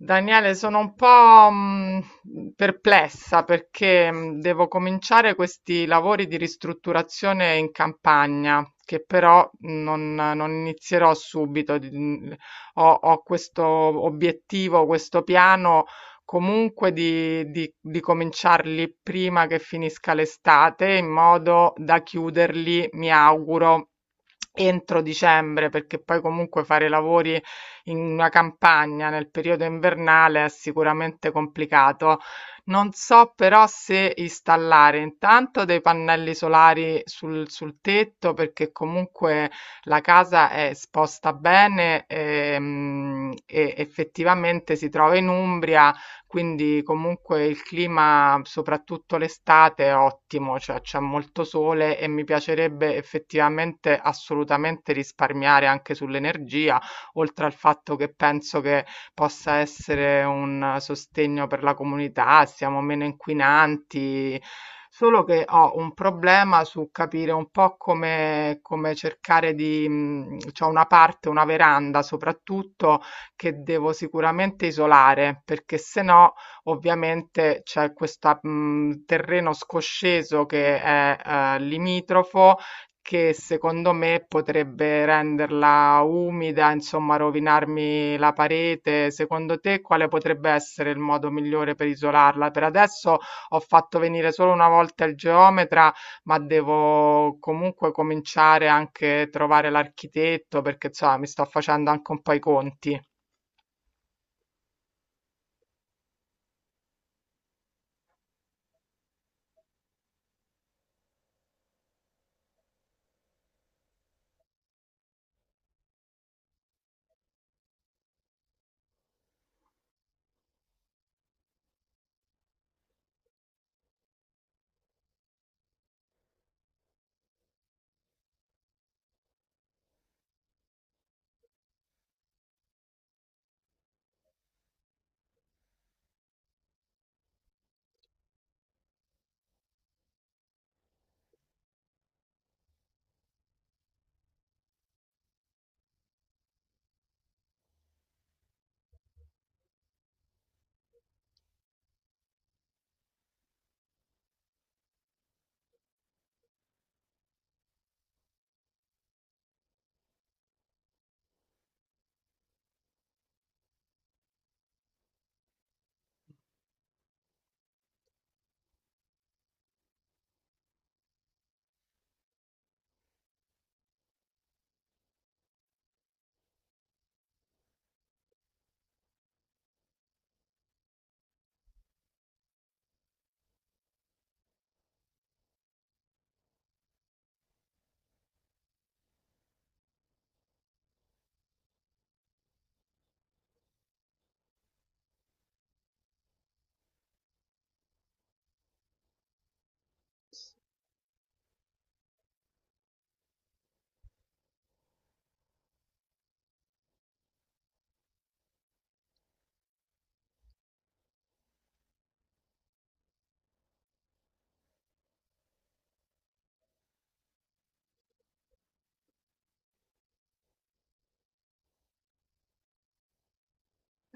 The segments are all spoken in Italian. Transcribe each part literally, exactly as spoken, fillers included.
Daniele, sono un po' mh, perplessa perché mh, devo cominciare questi lavori di ristrutturazione in campagna, che però non, non inizierò subito. di- mm, Ho, ho questo obiettivo, questo piano comunque di, di, di cominciarli prima che finisca l'estate, in modo da chiuderli, mi auguro, entro dicembre, perché poi comunque fare i lavori in una campagna nel periodo invernale è sicuramente complicato. Non so però se installare intanto dei pannelli solari sul, sul tetto, perché comunque la casa è esposta bene ehm, e effettivamente si trova in Umbria, quindi comunque il clima, soprattutto l'estate, è ottimo, cioè c'è molto sole e mi piacerebbe effettivamente assolutamente risparmiare anche sull'energia, oltre al fatto che penso che possa essere un sostegno per la comunità, siamo meno inquinanti. Solo che ho un problema su capire un po' come, come cercare di... mh, c'ho una parte, una veranda soprattutto, che devo sicuramente isolare, perché se no ovviamente c'è questo terreno scosceso che è eh, limitrofo, che secondo me potrebbe renderla umida, insomma, rovinarmi la parete. Secondo te quale potrebbe essere il modo migliore per isolarla? Per adesso ho fatto venire solo una volta il geometra, ma devo comunque cominciare anche a trovare l'architetto perché, insomma, mi sto facendo anche un po' i conti.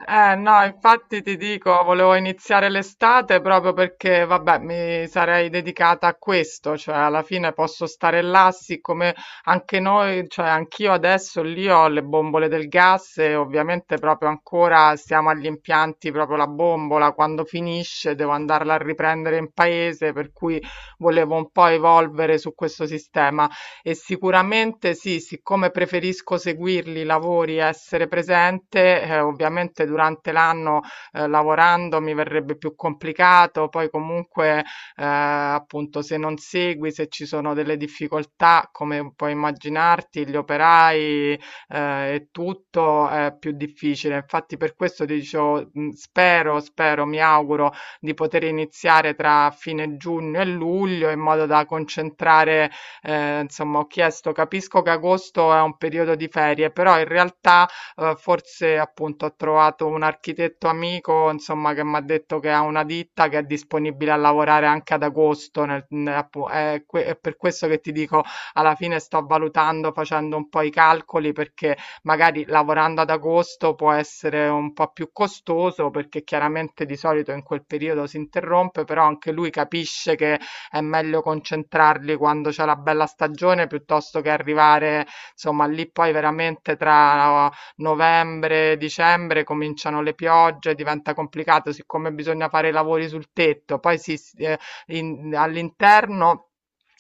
Eh no, infatti ti dico, volevo iniziare l'estate proprio perché, vabbè, mi sarei dedicata a questo, cioè alla fine posso stare là, siccome anche noi, cioè anch'io adesso lì ho le bombole del gas e ovviamente proprio ancora siamo agli impianti, proprio la bombola, quando finisce devo andarla a riprendere in paese, per cui volevo un po' evolvere su questo sistema, e sicuramente sì, siccome preferisco seguirli i lavori, essere presente, eh, ovviamente durante l'anno, eh, lavorando mi verrebbe più complicato, poi comunque eh, appunto se non segui, se ci sono delle difficoltà, come puoi immaginarti, gli operai eh, e tutto è più difficile. Infatti per questo ti dicevo, mh, spero, spero, mi auguro di poter iniziare tra fine giugno e luglio in modo da concentrare, eh, insomma, ho chiesto, capisco che agosto è un periodo di ferie, però in realtà eh, forse appunto ho trovato un architetto amico, insomma, che mi ha detto che ha una ditta che è disponibile a lavorare anche ad agosto, nel- ne- appu- è, que- è per questo che ti dico, alla fine sto valutando, facendo un po' i calcoli, perché magari lavorando ad agosto può essere un po' più costoso, perché chiaramente di solito in quel periodo si interrompe, però anche lui capisce che è meglio concentrarli quando c'è la bella stagione piuttosto che arrivare, insomma, lì poi veramente tra novembre e dicembre cominciano le piogge, diventa complicato, siccome bisogna fare i lavori sul tetto, poi si, eh, in- all'interno.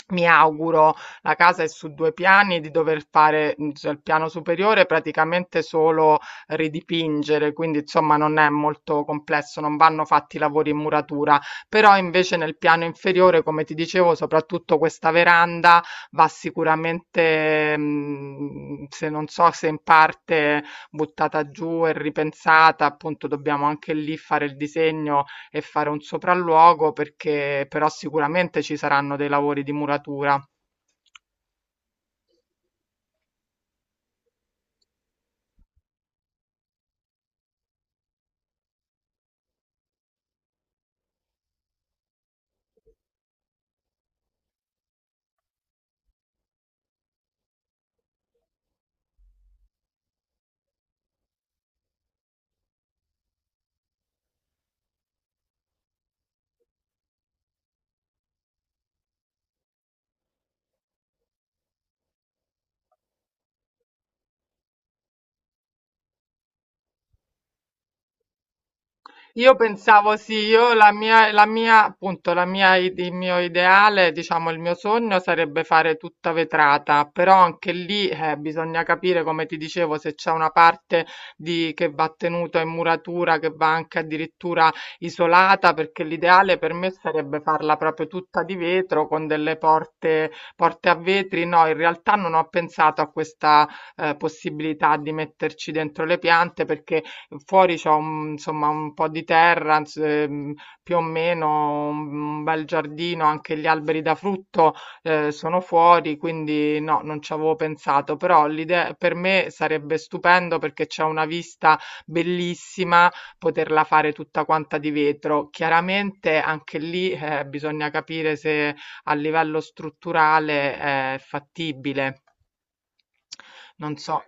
Mi auguro, la casa è su due piani, di dover fare mm, cioè, il piano superiore praticamente solo ridipingere, quindi insomma non è molto complesso, non vanno fatti lavori in muratura, però invece nel piano inferiore, come ti dicevo, soprattutto questa veranda va sicuramente, mh, se non so se in parte buttata giù e ripensata, appunto dobbiamo anche lì fare il disegno e fare un sopralluogo perché però sicuramente ci saranno dei lavori di muratura. Io pensavo sì, io la mia la mia appunto, la mia, i il mio ideale, diciamo il mio sogno sarebbe fare tutta vetrata, però anche lì, eh, bisogna capire, come ti dicevo, se c'è una parte di che va tenuta in muratura, che va anche addirittura isolata, perché l'ideale per me sarebbe farla proprio tutta di vetro con delle porte porte a vetri. No, in realtà non ho pensato a questa, ehm, possibilità di metterci dentro le piante perché fuori c'ho un, insomma, un po' di terra, ins ehm, più o meno un un bel giardino, anche gli alberi da frutto, ehm, sono fuori, quindi no, non ci avevo pensato, però l'ide per me sarebbe stupendo perché c'è una vista bellissima, poterla fare tutta quanta di vetro. Chiaramente anche lì, eh, bisogna capire se a livello strutturale è fattibile. Non so.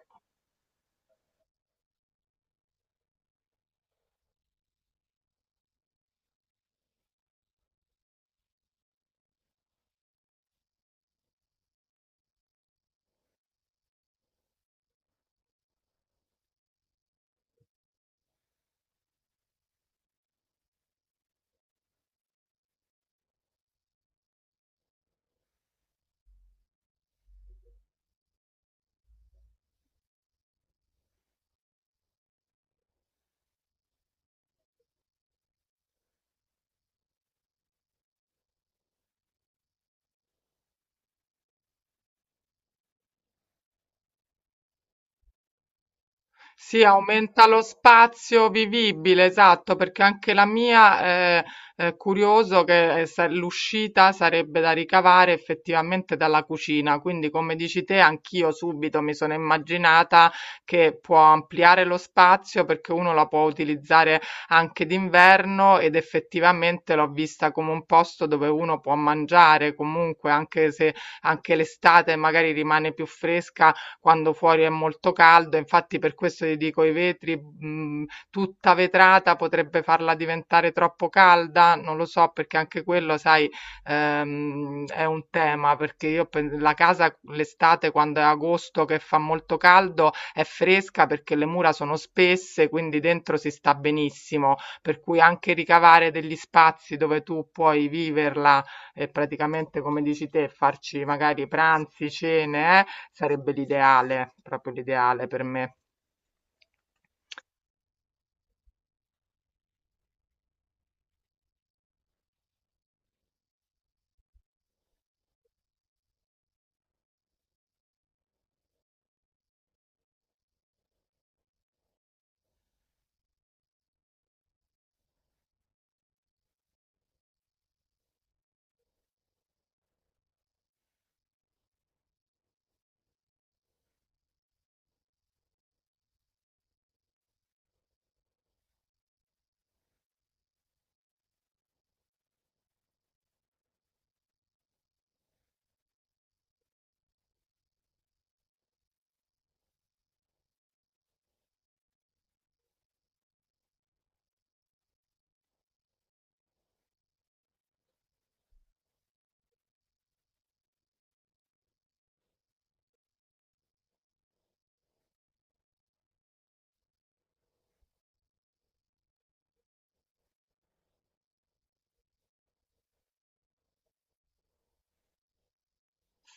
Sì, aumenta lo spazio vivibile, esatto, perché anche la mia eh, è curioso che eh, sa- l'uscita sarebbe da ricavare effettivamente dalla cucina, quindi come dici te, anch'io subito mi sono immaginata che può ampliare lo spazio perché uno la può utilizzare anche d'inverno ed effettivamente l'ho vista come un posto dove uno può mangiare comunque, anche se anche l'estate magari rimane più fresca quando fuori è molto caldo, infatti per questo ti dico i vetri, mh, tutta vetrata potrebbe farla diventare troppo calda, non lo so perché anche quello, sai, ehm, è un tema, perché io pen- la casa l'estate quando è agosto che fa molto caldo è fresca perché le mura sono spesse, quindi dentro si sta benissimo, per cui anche ricavare degli spazi dove tu puoi viverla e praticamente come dici te farci magari pranzi, cene, eh, sarebbe l'ideale, proprio l'ideale per me.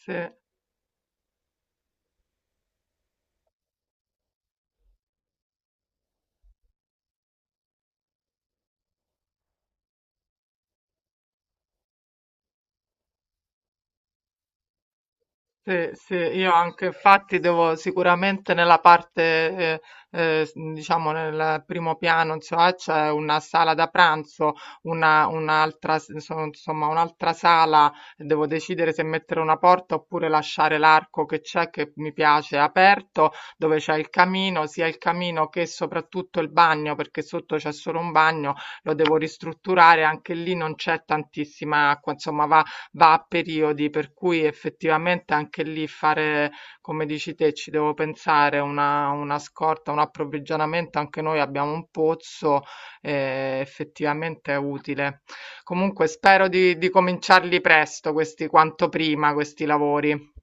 Sì. Sì, sì, io anche infatti devo sicuramente nella parte, eh, eh, s- diciamo nel primo piano, insomma, c'è una sala da pranzo, una, un'altra, s- insomma, insomma, un'altra sala, devo decidere se mettere una porta oppure lasciare l'arco che c'è, che mi piace, aperto, dove c'è il camino, sia il camino che soprattutto il bagno, perché sotto c'è solo un bagno, lo devo ristrutturare, anche lì non c'è tantissima acqua, insomma, va va a periodi, per cui effettivamente anche lì fare, come dici te, ci devo pensare una, una scorta, un approvvigionamento, anche noi abbiamo un pozzo, eh, effettivamente è utile. Comunque spero di, di cominciarli presto, questi quanto prima, questi lavori.